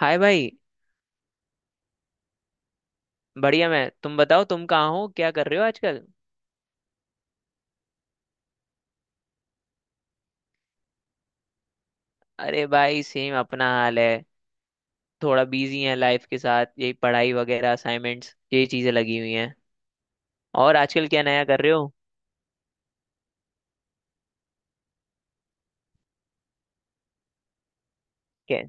हाय भाई। बढ़िया। मैं तुम बताओ, तुम कहाँ हो, क्या कर रहे हो आजकल। अरे भाई सेम अपना हाल है। थोड़ा बिजी है लाइफ के साथ, यही पढ़ाई वगैरह, असाइनमेंट्स, यही चीजें लगी हुई हैं। और आजकल क्या नया कर रहे हो? क्या?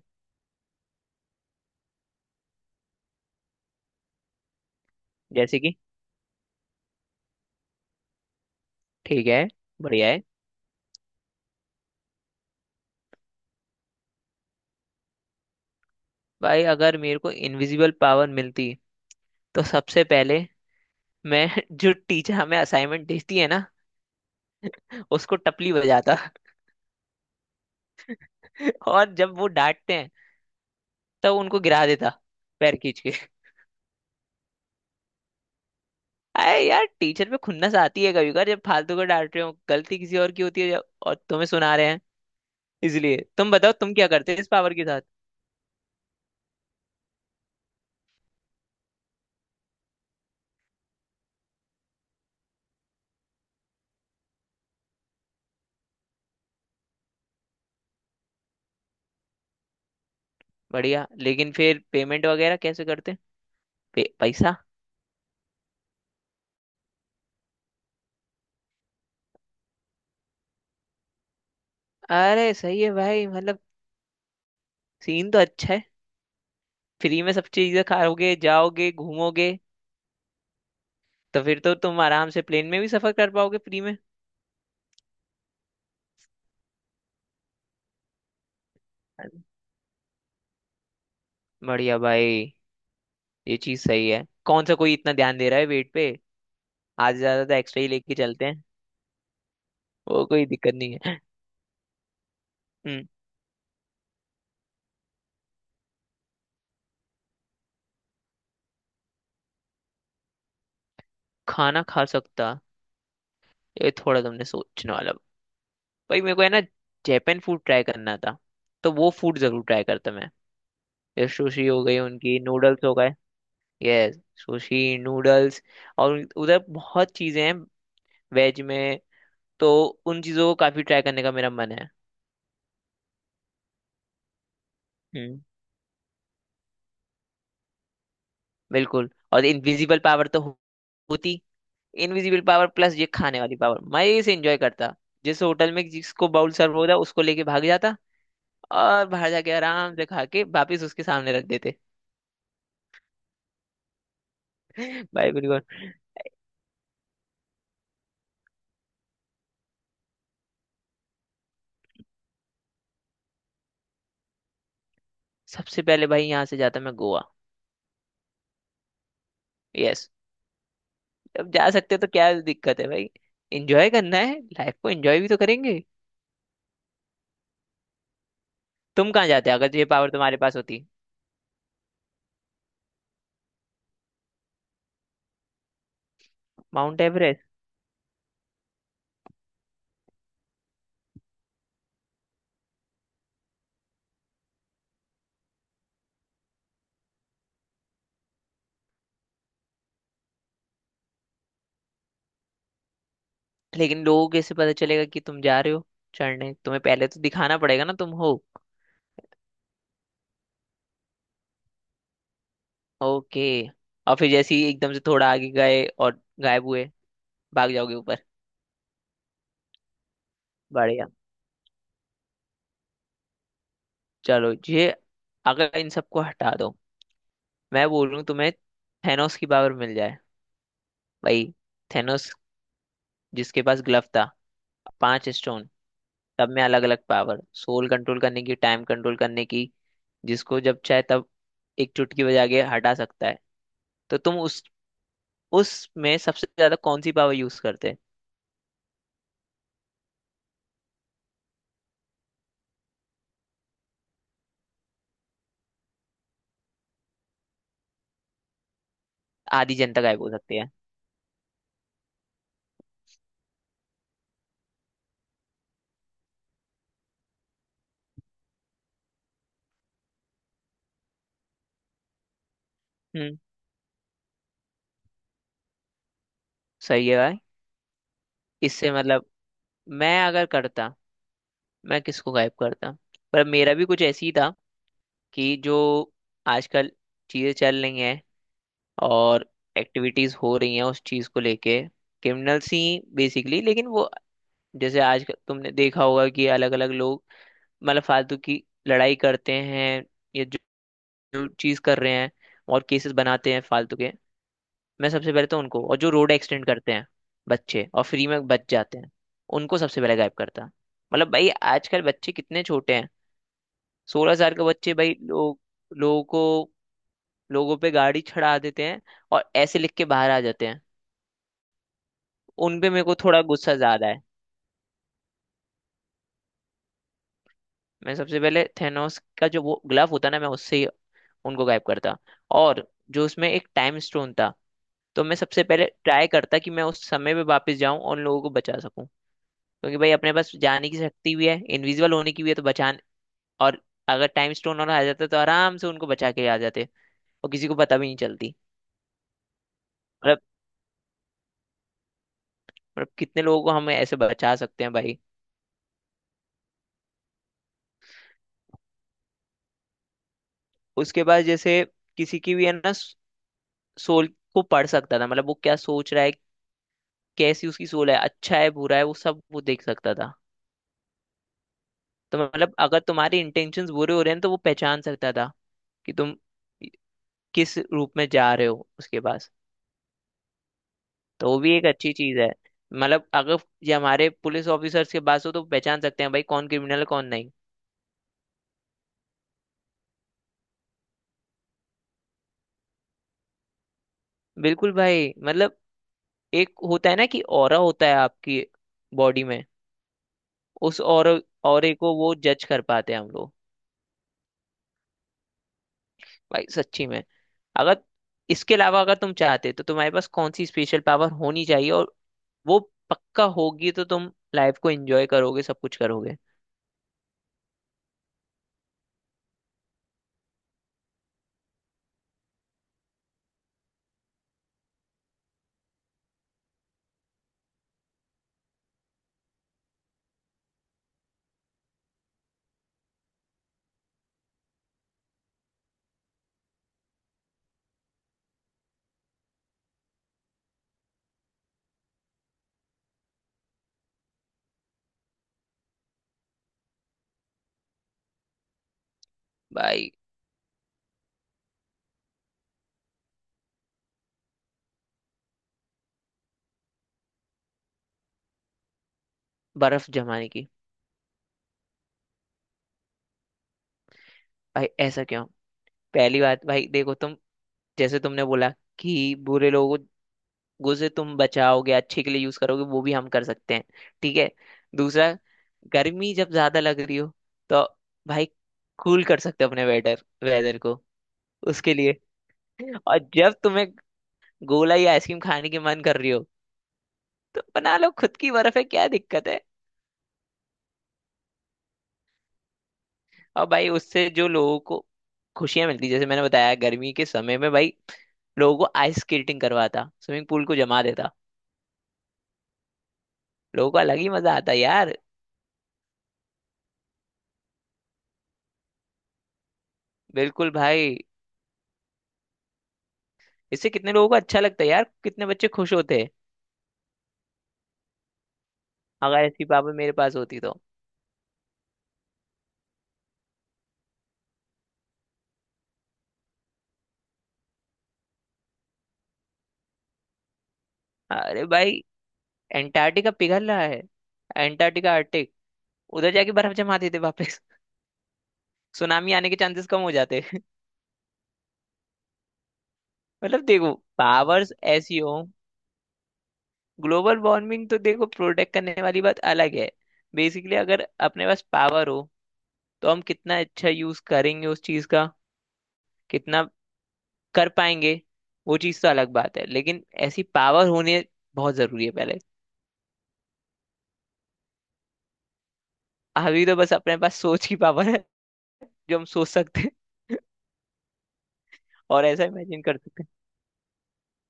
जैसे कि? ठीक है। बढ़िया है। भाई अगर मेरे को इनविजिबल पावर मिलती, तो सबसे पहले मैं जो टीचर हमें असाइनमेंट देती है ना, उसको टपली बजाता। और जब वो डांटते हैं, तब उनको गिरा देता, पैर खींच के। अरे यार, टीचर पे खुन्नस आती है कभी कभार, जब फालतू को डांट रहे हो, गलती किसी और की होती है जब, और तुम्हें सुना रहे हैं। इसलिए तुम बताओ, तुम क्या करते इस पावर के साथ। बढ़िया, लेकिन फिर पेमेंट वगैरह कैसे करते? पैसा। अरे सही है भाई, मतलब सीन तो अच्छा है। फ्री में सब चीजें खाओगे, जाओगे, घूमोगे। तो फिर तो तुम आराम से प्लेन में भी सफर कर पाओगे फ्री में। अरे, बढ़िया भाई। ये चीज सही है, कौन सा कोई इतना ध्यान दे रहा है वेट पे। आज ज्यादा तो एक्स्ट्रा ही लेके चलते हैं। वो कोई दिक्कत नहीं है। हम्म। खाना खा सकता, ये थोड़ा तुमने सोचने वाला। भाई मेरे को है ना, जापान फूड ट्राई करना था। तो वो फूड जरूर ट्राई करता मैं। ये सुशी हो गई, उनकी नूडल्स हो गए। यस। Sushi noodles. और उधर बहुत चीजें हैं वेज में। तो उन चीजों को काफी ट्राई करने का मेरा मन है। हम्म। बिल्कुल। और इनविजिबल पावर तो होती। इनविजिबल पावर प्लस ये खाने वाली पावर मजे से एंजॉय करता। जिस होटल में जिसको बाउल सर्व होता, उसको लेके भाग जाता। और बाहर जाके आराम से खा के वापिस उसके सामने रख देते। भाई बिल्कुल। सबसे पहले भाई, यहाँ से जाता मैं गोवा। यस। अब जा सकते हो तो क्या दिक्कत है भाई। एंजॉय करना है, लाइफ को एंजॉय भी तो करेंगे। तुम कहाँ जाते अगर ये पावर तुम्हारे पास होती? Mount Everest? लेकिन लोगों कैसे पता चलेगा कि तुम जा रहे हो चढ़ने? तुम्हें पहले तो दिखाना पड़ेगा ना तुम हो। ओके। और फिर जैसे ही एकदम से थोड़ा आगे गए और गायब हुए, भाग जाओगे ऊपर। बढ़िया। चलो ये, अगर इन सबको हटा दो, मैं बोल रहा हूँ तुम्हें, थेनोस की पावर मिल जाए भाई। थेनोस, जिसके पास ग्लव था, 5 स्टोन। सब में अलग अलग पावर, सोल कंट्रोल करने की, टाइम कंट्रोल करने की। जिसको जब चाहे तब एक चुटकी बजा के हटा सकता है। तो तुम उस उसमें सबसे ज्यादा कौन सी पावर यूज करते? आधी जनता गायब हो सकती है। हम्म। सही है भाई। इससे मतलब, मैं अगर करता, मैं किसको गायब करता। पर मेरा भी कुछ ऐसी ही था, कि जो आजकल चीजें चल रही हैं और एक्टिविटीज हो रही हैं उस चीज को लेके। क्रिमिनल्स ही बेसिकली, लेकिन वो, जैसे आज तुमने देखा होगा कि अलग अलग लोग मतलब फालतू की लड़ाई करते हैं, या जो चीज कर रहे हैं, और केसेस बनाते हैं फालतू के। मैं सबसे पहले तो उनको, और जो रोड एक्सीडेंट करते हैं बच्चे और फ्री में बच जाते हैं, उनको सबसे पहले गायब करता। मतलब भाई आजकल बच्चे कितने छोटे हैं। 16 साल के बच्चे भाई, लोग लोगों को, लोगों पे गाड़ी चढ़ा देते हैं, और ऐसे लिख के बाहर आ जाते हैं। उन पे मेरे को थोड़ा गुस्सा ज्यादा है। मैं सबसे पहले थेनोस का जो वो ग्लव होता है ना, मैं उससे ही उनको गायब करता। और जो उसमें एक टाइम स्टोन था, तो मैं सबसे पहले ट्राई करता कि मैं उस समय पे वापस जाऊं और उन लोगों को बचा सकूं। क्योंकि भाई अपने पास जाने की शक्ति भी है, इनविजिबल होने की भी है, तो बचाने। और अगर टाइम स्टोन और आ जाता तो आराम से उनको बचा के आ जाते, और किसी को पता भी नहीं चलती। मतलब मतलब कितने लोगों को हम ऐसे बचा सकते हैं भाई। उसके बाद जैसे, किसी की भी है ना, सोल को पढ़ सकता था, मतलब वो क्या सोच रहा है, कैसी उसकी सोल है, अच्छा है, बुरा है, वो सब वो देख सकता था। तो मतलब अगर तुम्हारे इंटेंशंस बुरे हो रहे हैं तो वो पहचान सकता था, कि तुम किस रूप में जा रहे हो उसके पास। तो वो भी एक अच्छी चीज है। मतलब अगर ये हमारे पुलिस ऑफिसर्स के पास हो तो पहचान सकते हैं भाई, कौन क्रिमिनल है, कौन नहीं। बिल्कुल भाई, मतलब एक होता है ना कि ऑरा होता है आपकी बॉडी में। उस ऑरा ऑरे को वो जज कर पाते हैं हम लोग। भाई सच्ची में। अगर इसके अलावा अगर तुम चाहते तो तुम्हारे पास कौन सी स्पेशल पावर होनी चाहिए, और वो पक्का होगी तो तुम लाइफ को एंजॉय करोगे, सब कुछ करोगे? भाई बर्फ जमाने की। भाई ऐसा क्यों? पहली बात भाई देखो तुम, जैसे तुमने बोला कि बुरे लोगों को से तुम बचाओगे, अच्छे के लिए यूज करोगे, वो भी हम कर सकते हैं। ठीक है। दूसरा, गर्मी जब ज्यादा लग रही हो, तो भाई, कूल कर सकते हो अपने वेदर वेदर को उसके लिए। और जब तुम्हें गोला या आइसक्रीम खाने की मन कर रही हो, तो बना लो खुद की, बर्फ है, क्या दिक्कत है। अब भाई, उससे जो लोगों को खुशियां मिलती, जैसे मैंने बताया, गर्मी के समय में भाई लोगों को आइस स्केटिंग करवाता, स्विमिंग पूल को जमा देता। लोगों को अलग ही मजा आता यार। बिल्कुल भाई, इससे कितने लोगों को अच्छा लगता है यार, कितने बच्चे खुश होते हैं, अगर ऐसी पावर मेरे पास होती तो। अरे भाई, एंटार्क्टिका पिघल रहा है। एंटार्क्टिका, आर्टिक, उधर जाके बर्फ जमा देते वापस। सुनामी आने के चांसेस कम हो जाते। मतलब देखो, पावर्स ऐसी हो। ग्लोबल वार्मिंग तो देखो, प्रोटेक्ट करने वाली बात अलग है। बेसिकली अगर अपने पास पावर हो, तो हम कितना अच्छा यूज करेंगे उस चीज का, कितना कर पाएंगे वो चीज तो अलग बात है, लेकिन ऐसी पावर होने बहुत जरूरी है पहले। अभी तो बस अपने पास सोच की पावर है, जो हम सोच सकते हैं। और ऐसा इमेजिन कर सकते हैं।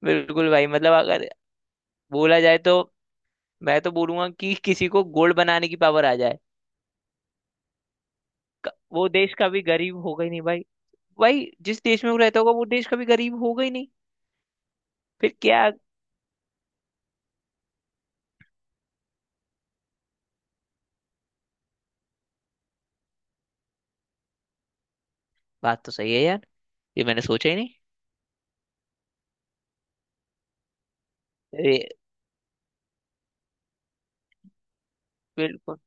बिल्कुल भाई, मतलब अगर बोला जाए तो मैं तो बोलूंगा कि किसी को गोल्ड बनाने की पावर आ जाए। वो देश कभी गरीब होगा ही नहीं भाई। भाई जिस देश में वो रहता होगा, वो देश कभी गरीब होगा ही नहीं। फिर क्या? बात तो सही है यार, ये मैंने सोचा ही नहीं। रे, बिल्कुल।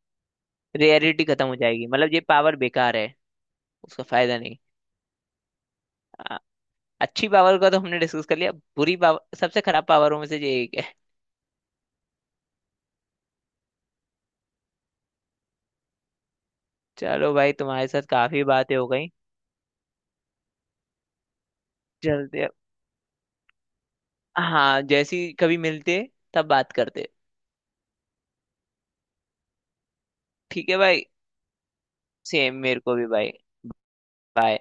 रेयरिटी खत्म हो जाएगी, मतलब ये पावर बेकार है। उसका फायदा नहीं। आ, अच्छी पावर का तो हमने डिस्कस कर लिया, बुरी पावर सबसे खराब पावरों में से ये एक है। चलो भाई, तुम्हारे साथ काफी बातें हो गई, चलते अब। हाँ, जैसी कभी मिलते तब बात करते। ठीक है भाई। सेम मेरे को भी भाई। बाय।